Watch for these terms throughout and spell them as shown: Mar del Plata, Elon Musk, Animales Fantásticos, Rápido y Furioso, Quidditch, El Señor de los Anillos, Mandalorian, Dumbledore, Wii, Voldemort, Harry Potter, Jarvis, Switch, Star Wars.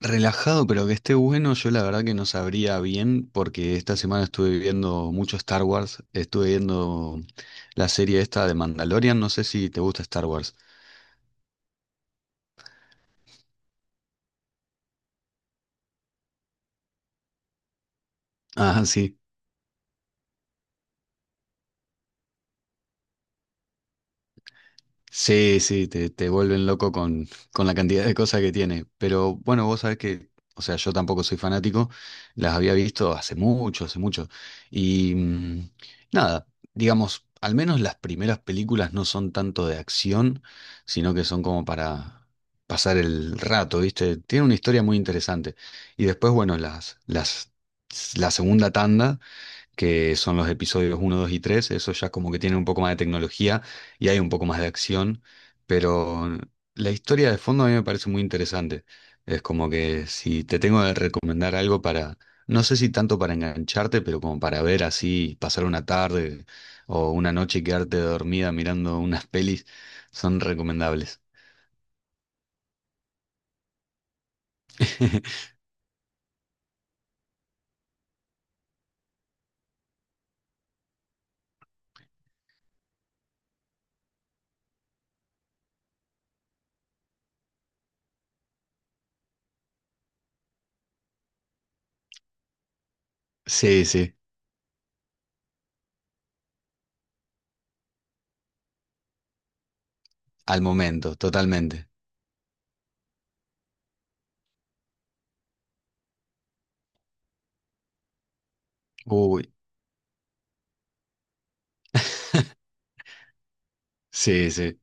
Relajado, pero que esté bueno, yo la verdad que no sabría bien, porque esta semana estuve viendo mucho Star Wars, estuve viendo la serie esta de Mandalorian, no sé si te gusta Star Wars. Ah, sí. Sí, sí, te vuelven loco con la cantidad de cosas que tiene. Pero bueno, vos sabés que, o sea, yo tampoco soy fanático, las había visto hace mucho, hace mucho. Y nada, digamos, al menos las primeras películas no son tanto de acción, sino que son como para pasar el rato, ¿viste? Tiene una historia muy interesante. Y después, bueno, la segunda tanda que son los episodios uno, 2 y tres. Eso ya como que tiene un poco más de tecnología y hay un poco más de acción, pero la historia de fondo a mí me parece muy interesante. Es como que si te tengo que recomendar algo para, no sé si tanto para engancharte, pero como para ver así, pasar una tarde o una noche y quedarte dormida mirando unas pelis, son recomendables. Sí, sí, al momento, totalmente. Uy, sí, sí.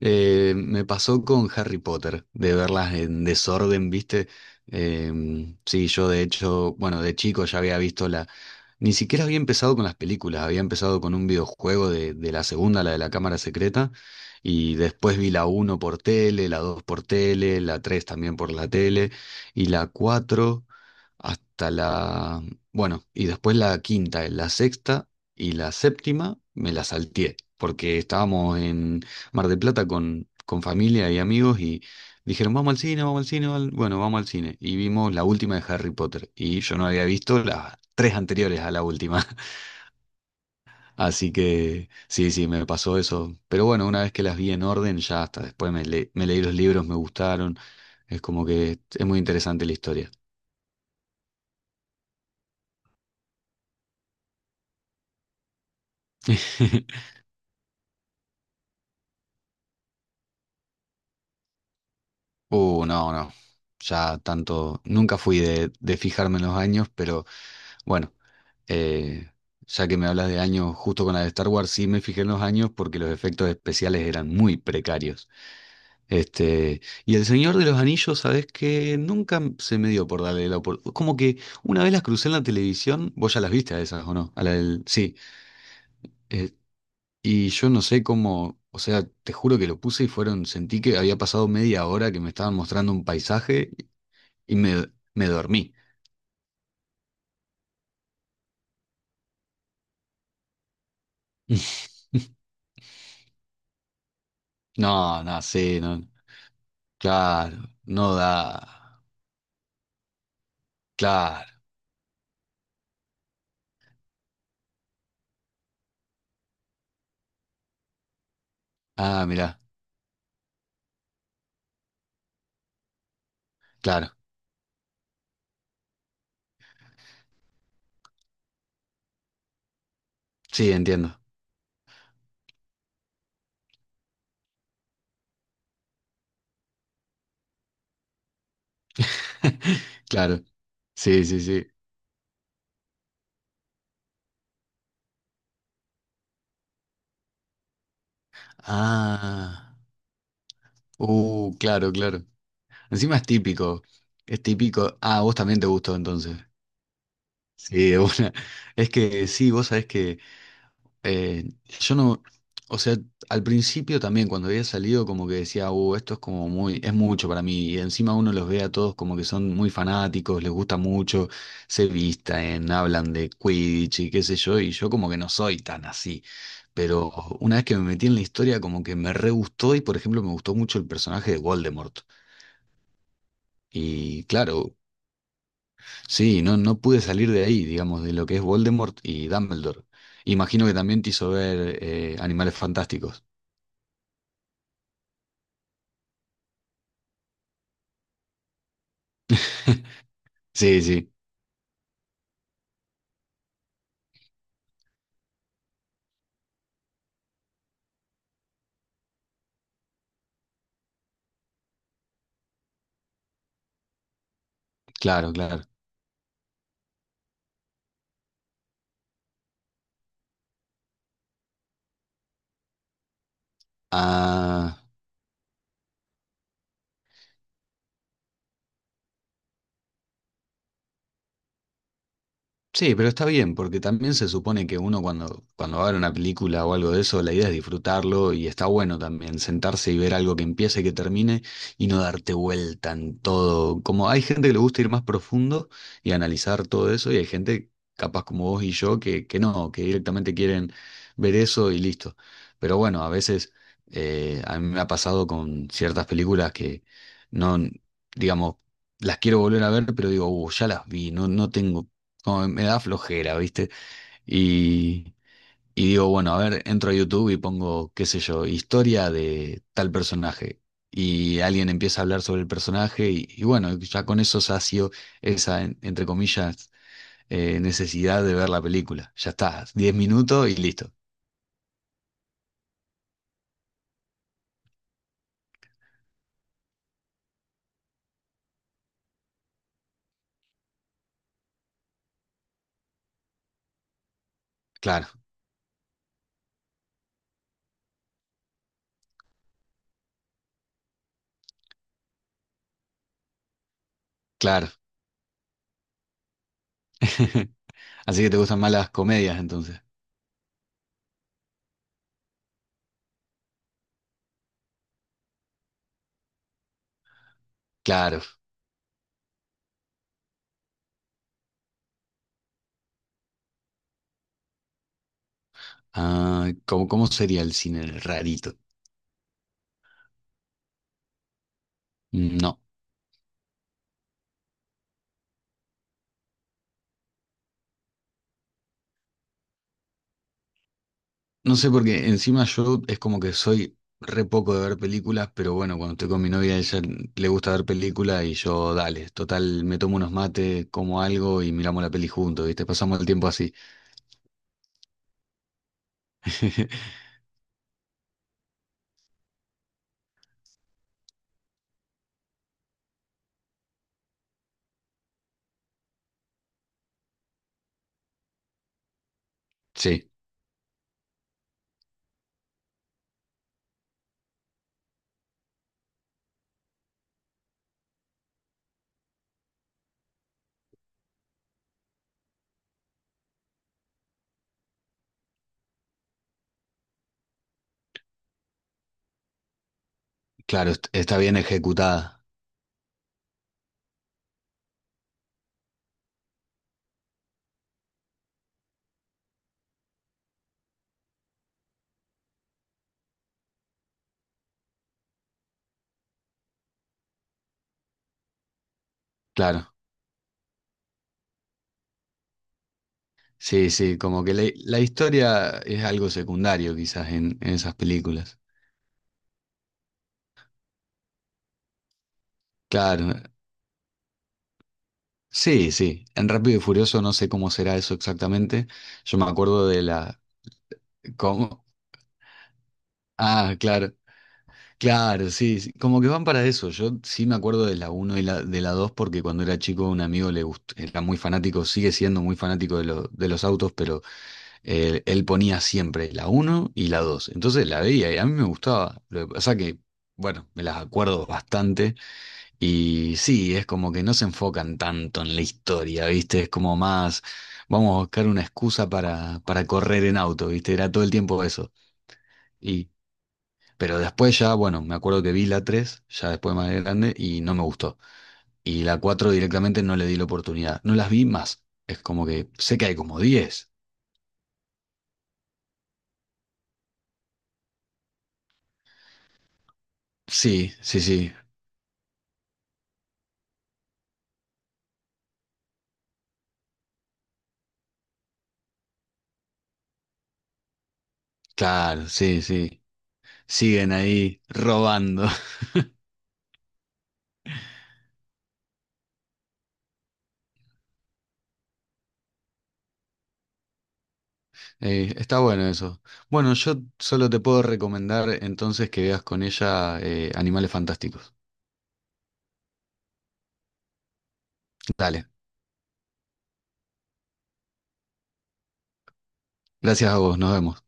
Me pasó con Harry Potter, de verlas en desorden, ¿viste? Sí, yo de hecho, bueno, de chico ya había visto la... Ni siquiera había empezado con las películas, había empezado con un videojuego de, la segunda, la de la cámara secreta, y después vi la uno por tele, la 2 por tele, la 3 también por la tele, y la 4 hasta la... Bueno, y después la quinta, la sexta y la séptima me la salteé, porque estábamos en Mar del Plata con familia y amigos y dijeron, vamos al cine, vamos al cine, vamos bueno, vamos al cine. Y vimos la última de Harry Potter y yo no había visto las tres anteriores a la última. Así que sí, sí, me pasó eso. Pero bueno, una vez que las vi en orden, ya hasta después me leí los libros, me gustaron. Es como que es muy interesante la historia. No, no. Ya tanto, nunca fui de fijarme en los años, pero bueno, eh, ya que me hablas de años justo con la de Star Wars, sí me fijé en los años porque los efectos especiales eran muy precarios. Y El Señor de los Anillos, sabes que nunca se me dio por darle la oportunidad. Como que una vez las crucé en la televisión, vos ya las viste a esas, ¿o no? Sí. Eh, y yo no sé cómo, o sea, te juro que lo puse y fueron, sentí que había pasado media hora que me estaban mostrando un paisaje y me dormí. No, no, sí, no. Claro, no da. Claro. Ah, mirá, claro. Sí, entiendo. Claro. Sí, sí, sí. Ah. Claro, claro. Encima es típico. Es típico. Ah, vos también te gustó entonces. Sí, de una. Es que sí, vos sabés que, Eh, yo no, o sea, al principio también cuando había salido como que decía, esto es como muy, es mucho para mí, y encima uno los ve a todos como que son muy fanáticos, les gusta mucho, se visten, hablan de Quidditch y qué sé yo, y yo como que no soy tan así, pero una vez que me metí en la historia como que me re gustó y por ejemplo me gustó mucho el personaje de Voldemort, y claro, sí, no, no pude salir de ahí, digamos, de lo que es Voldemort y Dumbledore. Imagino que también te hizo ver Animales Fantásticos. Sí, sí, claro, claro. Ah, sí, pero está bien, porque también se supone que uno cuando, va a ver una película o algo de eso, la idea es disfrutarlo y está bueno también sentarse y ver algo que empiece y que termine y no darte vuelta en todo. Como hay gente que le gusta ir más profundo y analizar todo eso y hay gente capaz como vos y yo que no, que directamente quieren ver eso y listo. Pero bueno, a veces a mí me ha pasado con ciertas películas que no, digamos, las quiero volver a ver, pero digo, ya las vi, no, no tengo, como me da flojera, ¿viste? Y, y digo, bueno, a ver, entro a YouTube y pongo, qué sé yo, historia de tal personaje. Y alguien empieza a hablar sobre el personaje y bueno, ya con eso sacio esa, entre comillas, necesidad de ver la película. Ya está, 10 minutos y listo. Claro, claro. Así que te gustan más las comedias entonces. Claro. Ah, ¿cómo sería el cine rarito? No. No sé, porque encima yo es como que soy re poco de ver películas, pero bueno, cuando estoy con mi novia, ella le gusta ver películas y yo, dale, total, me tomo unos mates, como algo y miramos la peli juntos, ¿viste? Pasamos el tiempo así. Sí, claro, está bien ejecutada, claro. Sí, sí, como que la historia es algo secundario quizás en, esas películas. Claro, sí, sí. En Rápido y Furioso no sé cómo será eso exactamente. Yo me acuerdo de la... ¿Cómo? Ah, claro. Claro, sí, sí, como que van para eso. Yo sí me acuerdo de la uno y de la 2 porque cuando era chico un amigo era muy fanático, sigue siendo muy fanático de los autos, pero él ponía siempre la uno y la 2. Entonces la veía y a mí me gustaba. Lo que pasa que, bueno, me las acuerdo bastante y sí, es como que no se enfocan tanto en la historia, ¿viste? Es como más, vamos a buscar una excusa para, correr en auto, ¿viste? Era todo el tiempo eso. Pero después ya, bueno, me acuerdo que vi la 3 ya después más grande, y no me gustó. Y la 4 directamente no le di la oportunidad. No las vi más. Es como que sé que hay como 10. Sí, sí, sí. Claro, sí, sí. Siguen ahí robando. Está bueno eso. Bueno, yo solo te puedo recomendar entonces que veas con ella Animales Fantásticos. Dale. Gracias a vos, nos vemos.